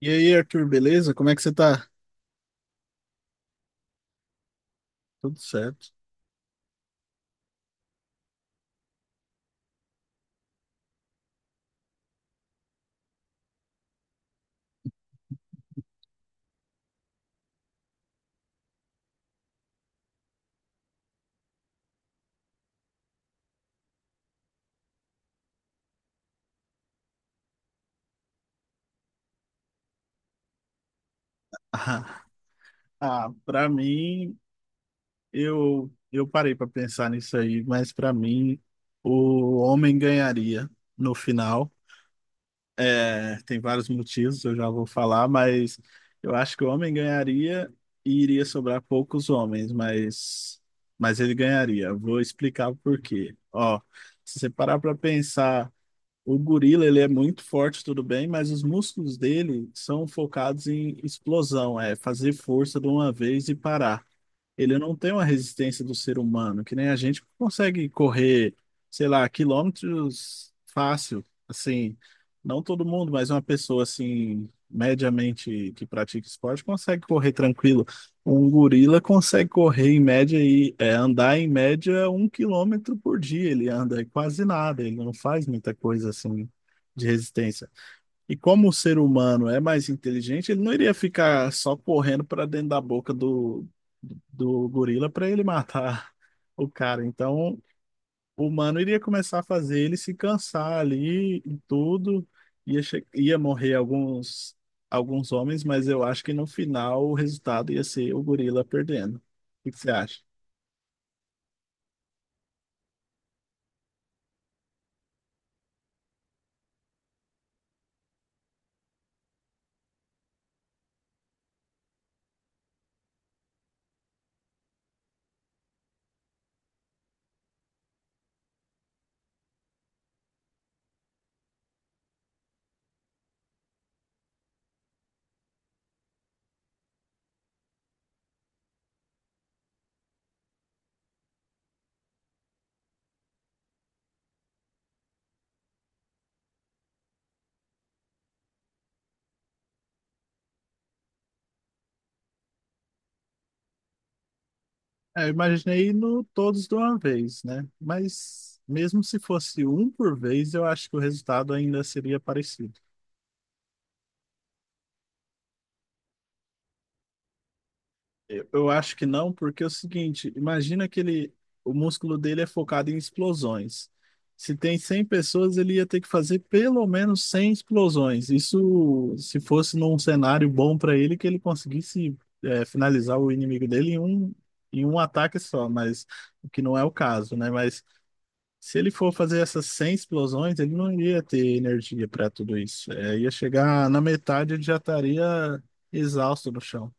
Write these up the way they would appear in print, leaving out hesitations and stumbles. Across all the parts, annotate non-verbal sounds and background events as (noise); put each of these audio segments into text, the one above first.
E aí, Arthur, beleza? Como é que você tá? Tudo certo. (laughs) Para mim, eu parei para pensar nisso aí, mas para mim o homem ganharia no final. É, tem vários motivos, eu já vou falar, mas eu acho que o homem ganharia e iria sobrar poucos homens, mas ele ganharia. Vou explicar o porquê. Ó, se você parar para pensar. O gorila, ele é muito forte, tudo bem, mas os músculos dele são focados em explosão, é fazer força de uma vez e parar. Ele não tem uma resistência do ser humano, que nem a gente consegue correr, sei lá, quilômetros fácil, assim, não todo mundo, mas uma pessoa assim, mediamente que pratica esporte consegue correr tranquilo. Um gorila consegue correr em média e é, andar em média 1 quilômetro por dia, ele anda quase nada, ele não faz muita coisa assim de resistência. E como o ser humano é mais inteligente, ele não iria ficar só correndo para dentro da boca do gorila para ele matar (laughs) o cara. Então, o humano iria começar a fazer ele se cansar ali e tudo. Ia morrer alguns, alguns homens, mas eu acho que no final o resultado ia ser o gorila perdendo. O que que você acha? É, eu imaginei no todos de uma vez, né? Mas mesmo se fosse um por vez, eu acho que o resultado ainda seria parecido. Eu acho que não, porque é o seguinte, imagina que ele, o músculo dele é focado em explosões. Se tem 100 pessoas, ele ia ter que fazer pelo menos 100 explosões. Isso se fosse num cenário bom para ele, que ele conseguisse é, finalizar o inimigo dele em um ataque só, mas o que não é o caso, né? Mas se ele for fazer essas 100 explosões, ele não iria ter energia para tudo isso. É, ia chegar na metade, ele já estaria exausto no chão.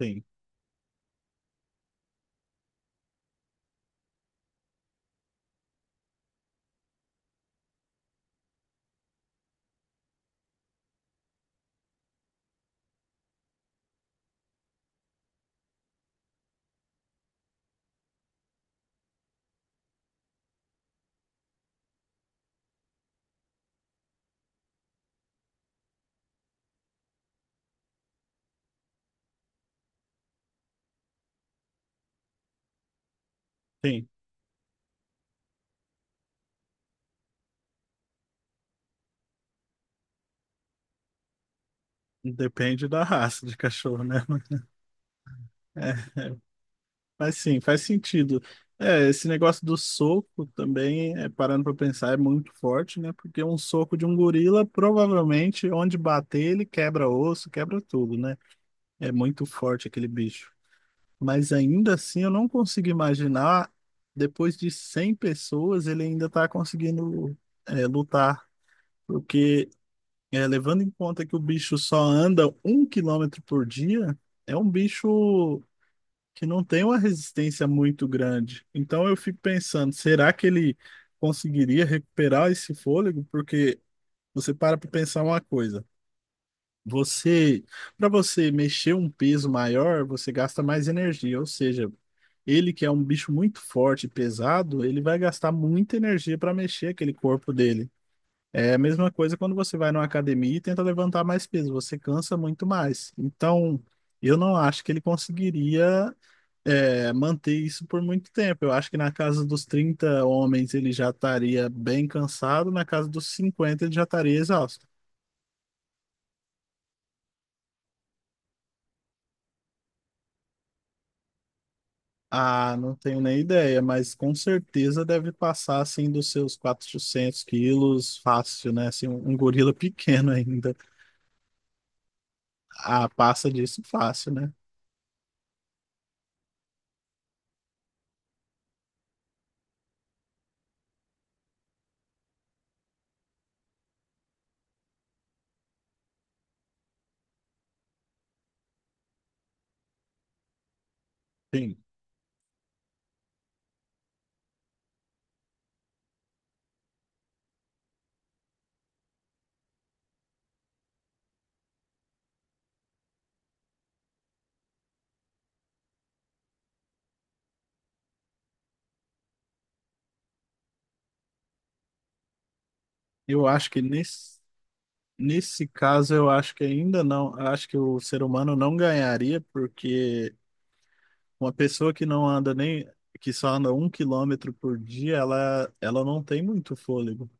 Sim, sim. Depende da raça de cachorro, né? (laughs) É, é, mas sim, faz sentido. É, esse negócio do soco também, é, parando para pensar, é muito forte, né? Porque um soco de um gorila, provavelmente, onde bater, ele quebra osso, quebra tudo, né? É muito forte aquele bicho. Mas ainda assim, eu não consigo imaginar, depois de 100 pessoas, ele ainda tá conseguindo, é, lutar. Porque, é, levando em conta que o bicho só anda 1 quilômetro por dia, é um bicho que não tem uma resistência muito grande. Então eu fico pensando, será que ele conseguiria recuperar esse fôlego? Porque você para para pensar uma coisa. Você, para você mexer um peso maior, você gasta mais energia, ou seja, ele que é um bicho muito forte e pesado, ele vai gastar muita energia para mexer aquele corpo dele. É a mesma coisa quando você vai numa academia e tenta levantar mais peso, você cansa muito mais. Então, eu não acho que ele conseguiria é, manter isso por muito tempo. Eu acho que na casa dos 30 homens ele já estaria bem cansado, na casa dos 50 ele já estaria exausto. Ah, não tenho nem ideia, mas com certeza deve passar assim dos seus 400 quilos fácil, né? Assim, um gorila (laughs) pequeno ainda. Ah, passa disso fácil, né? Sim. Eu acho que nesse caso eu acho que ainda não, acho que o ser humano não ganharia porque uma pessoa que não anda nem, que só anda 1 quilômetro por dia, ela não tem muito fôlego.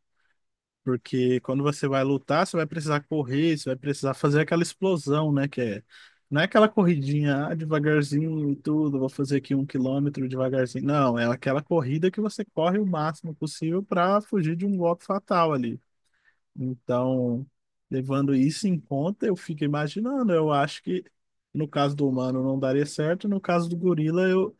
Porque quando você vai lutar, você vai precisar correr, você vai precisar fazer aquela explosão, né? Que é, não é aquela corridinha, ah, devagarzinho e tudo, vou fazer aqui 1 quilômetro devagarzinho. Não, é aquela corrida que você corre o máximo possível para fugir de um golpe fatal ali. Então, levando isso em conta, eu fico imaginando, eu acho que no caso do humano não daria certo, no caso do gorila eu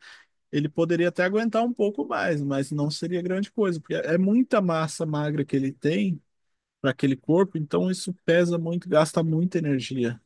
ele poderia até aguentar um pouco mais, mas não seria grande coisa, porque é muita massa magra que ele tem para aquele corpo, então isso pesa muito, gasta muita energia.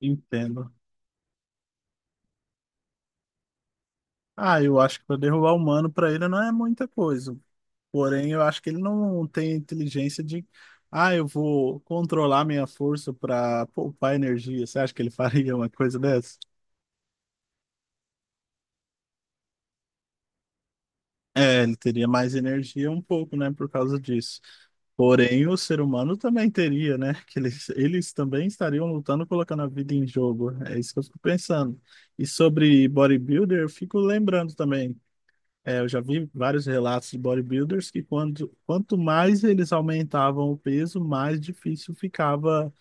Entendo. Ah, eu acho que para derrubar o humano para ele não é muita coisa. Porém, eu acho que ele não tem inteligência de, ah, eu vou controlar minha força para poupar energia. Você acha que ele (laughs) faria uma coisa dessa? É, ele teria mais energia um pouco, né, por causa disso. Porém, o ser humano também teria, né? Que eles também estariam lutando, colocando a vida em jogo. É isso que eu fico pensando. E sobre bodybuilder, eu fico lembrando também. É, eu já vi vários relatos de bodybuilders que quando, quanto mais eles aumentavam o peso, mais difícil ficava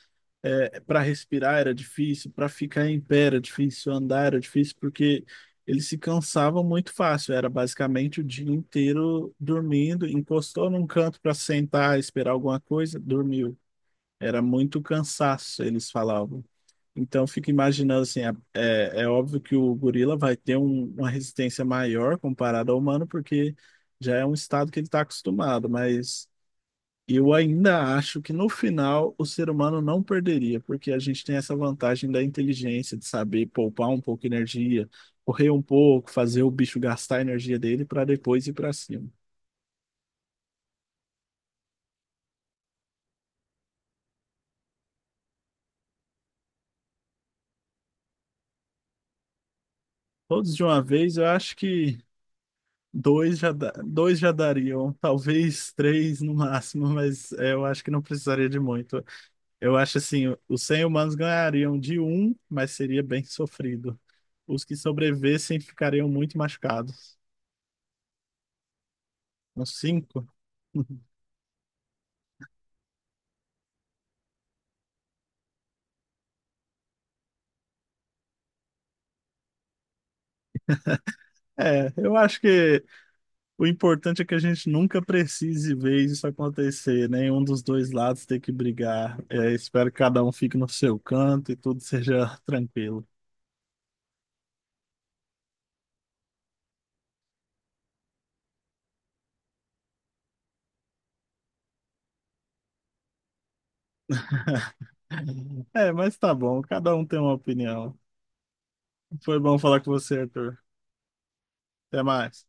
é, para respirar era difícil, para ficar em pé era difícil, andar era difícil, porque eles se cansavam muito fácil. Era basicamente o dia inteiro dormindo, encostou num canto para sentar, esperar alguma coisa, dormiu. Era muito cansaço, eles falavam. Então, eu fico imaginando assim, é, é óbvio que o gorila vai ter uma resistência maior comparada ao humano, porque já é um estado que ele está acostumado, mas eu ainda acho que no final o ser humano não perderia, porque a gente tem essa vantagem da inteligência, de saber poupar um pouco de energia, correr um pouco, fazer o bicho gastar a energia dele para depois ir para cima. Todos de uma vez, eu acho que dois já dariam, talvez três no máximo, mas é, eu acho que não precisaria de muito. Eu acho assim, os 100 humanos ganhariam de um, mas seria bem sofrido. Os que sobrevivessem ficariam muito machucados. Uns cinco? É, eu acho que o importante é que a gente nunca precise ver isso acontecer, né? Um dos dois lados ter que brigar. É, espero que cada um fique no seu canto e tudo seja tranquilo. (laughs) É, mas tá bom, cada um tem uma opinião. Foi bom falar com você, Arthur. Até mais.